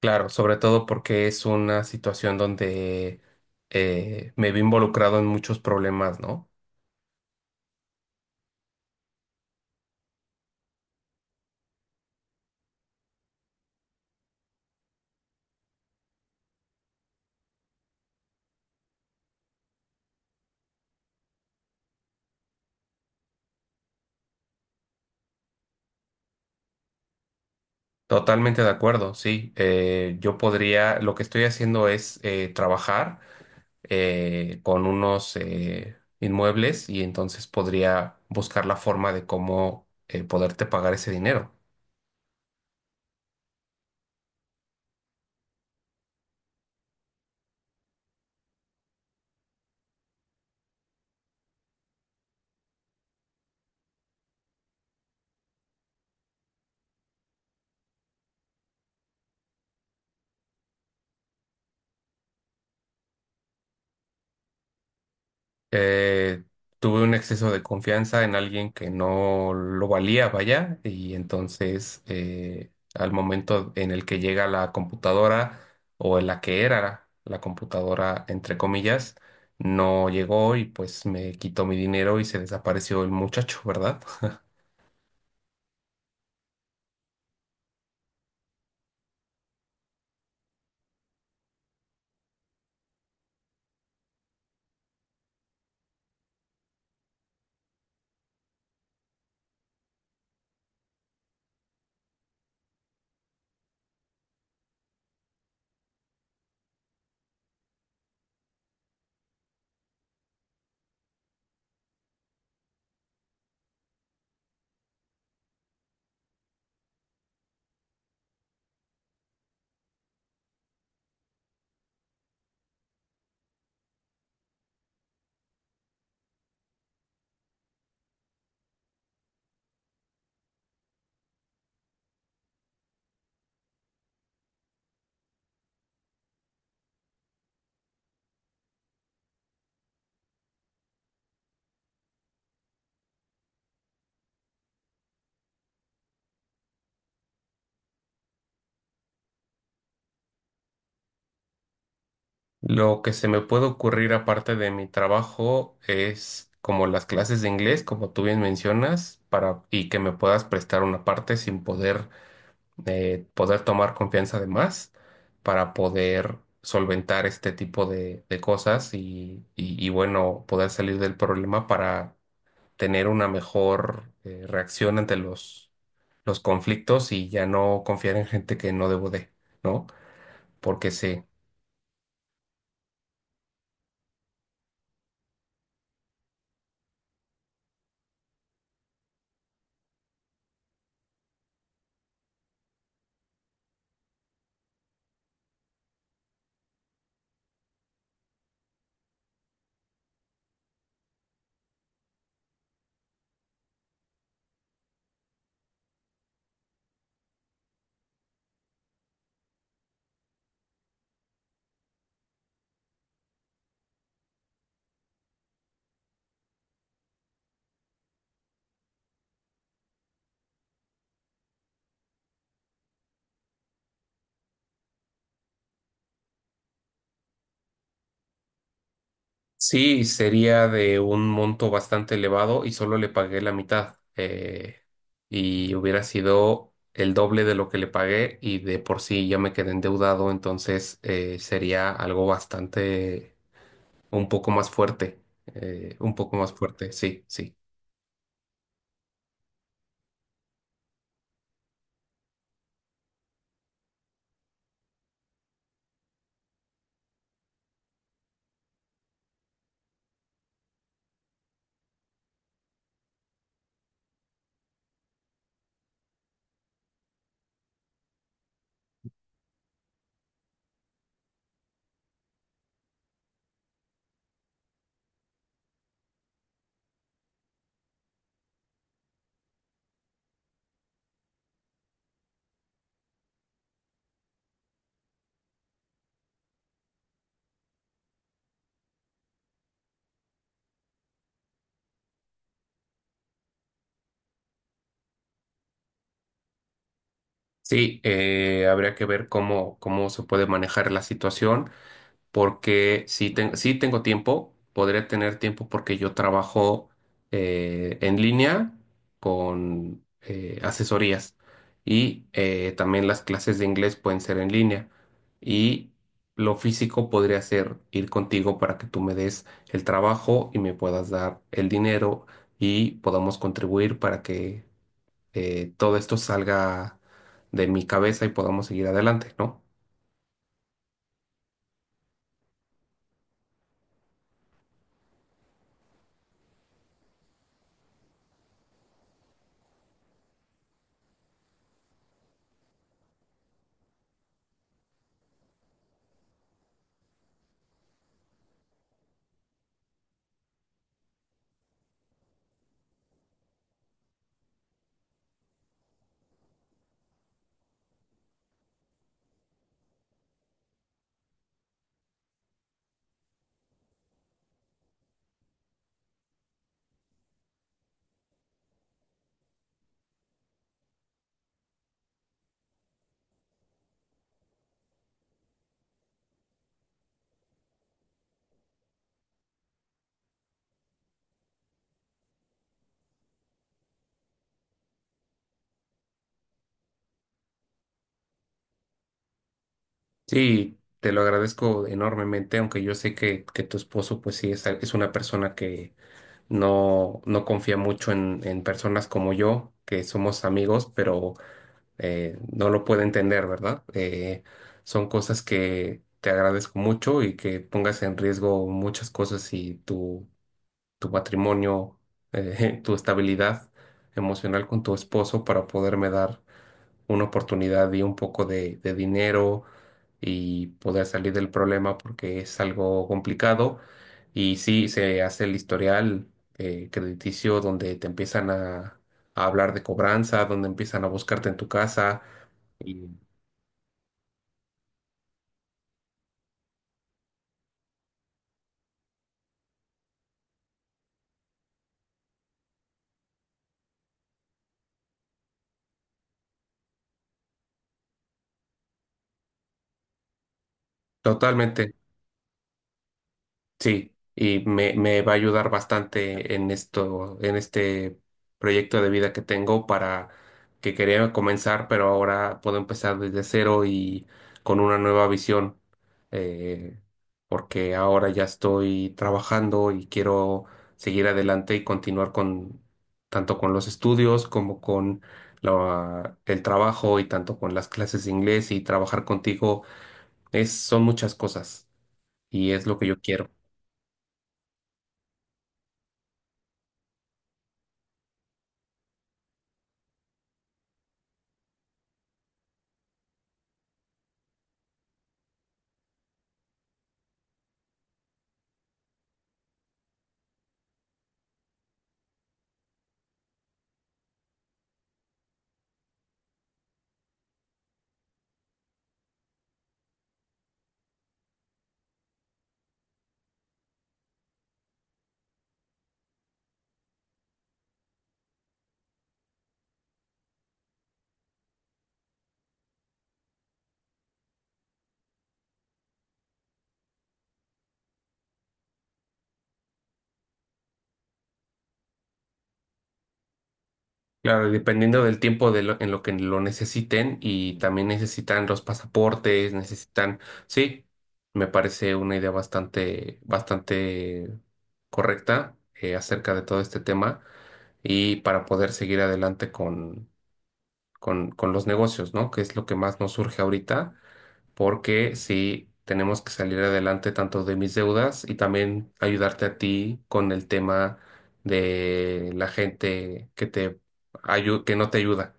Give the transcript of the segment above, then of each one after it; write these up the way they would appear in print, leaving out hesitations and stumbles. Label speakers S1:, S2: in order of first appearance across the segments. S1: Claro, sobre todo porque es una situación donde me vi involucrado en muchos problemas, ¿no? Totalmente de acuerdo, sí. Yo podría, lo que estoy haciendo es trabajar con unos inmuebles, y entonces podría buscar la forma de cómo poderte pagar ese dinero. eh, Tuve un exceso de confianza en alguien que no lo valía, vaya, y entonces al momento en el que llega la computadora o en la que era la computadora, entre comillas, no llegó, y pues me quitó mi dinero y se desapareció el muchacho, ¿verdad? Lo que se me puede ocurrir aparte de mi trabajo es como las clases de inglés, como tú bien mencionas, para y que me puedas prestar una parte sin poder de poder tomar confianza de más para poder solventar este tipo de cosas y, y, bueno, poder salir del problema para tener una mejor reacción ante los conflictos, y ya no confiar en gente que no debo de, ¿no? Porque se... Sí, sería de un monto bastante elevado y solo le pagué la mitad. Y hubiera sido el doble de lo que le pagué, y de por sí ya me quedé endeudado, entonces sería algo bastante, un poco más fuerte. Un poco más fuerte, sí, sí. Sí, habría que ver cómo, cómo se puede manejar la situación. Porque si, si tengo tiempo, podré tener tiempo, porque yo trabajo en línea con asesorías, y también las clases de inglés pueden ser en línea, y lo físico podría ser ir contigo para que tú me des el trabajo y me puedas dar el dinero y podamos contribuir para que todo esto salga de mi cabeza y podamos seguir adelante, ¿no? Sí, te lo agradezco enormemente, aunque yo sé que tu esposo, pues sí, es una persona que no, no confía mucho en personas como yo, que somos amigos, pero no lo puede entender, ¿verdad? Son cosas que te agradezco mucho, y que pongas en riesgo muchas cosas y tu matrimonio, tu estabilidad emocional con tu esposo para poderme dar una oportunidad y un poco de dinero y poder salir del problema, porque es algo complicado. Y sí, se hace el historial crediticio, donde te empiezan a hablar de cobranza, donde empiezan a buscarte en tu casa. Y totalmente, sí, y me va a ayudar bastante en esto, en este proyecto de vida que tengo para que quería comenzar, pero ahora puedo empezar desde cero y con una nueva visión, eh, porque ahora ya estoy trabajando y quiero seguir adelante y continuar con, tanto con los estudios como con el trabajo, y tanto con las clases de inglés y trabajar contigo, es, son muchas cosas, y es lo que yo quiero. Claro, dependiendo del tiempo de en lo que lo necesiten, y también necesitan los pasaportes, necesitan, sí, me parece una idea bastante, bastante correcta acerca de todo este tema, y para poder seguir adelante con los negocios, ¿no? Que es lo que más nos surge ahorita, porque sí tenemos que salir adelante tanto de mis deudas, y también ayudarte a ti con el tema de la gente que te que no te ayuda.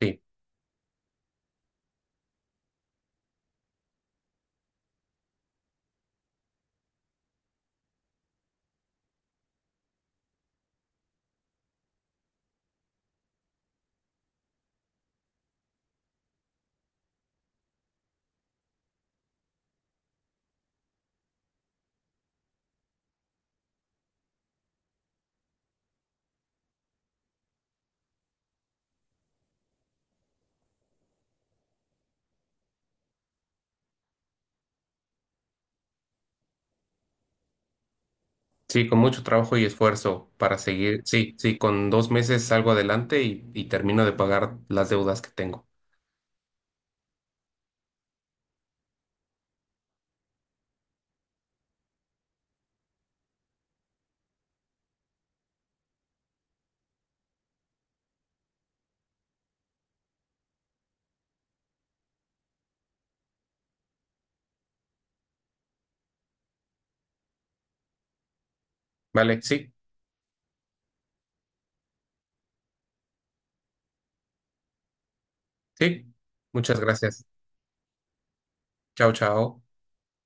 S1: Sí, sí, con mucho trabajo y esfuerzo para seguir. Sí, sí, con 2 meses salgo adelante y termino de pagar las deudas que tengo. Vale, sí, sí. Muchas gracias. Chao, chao.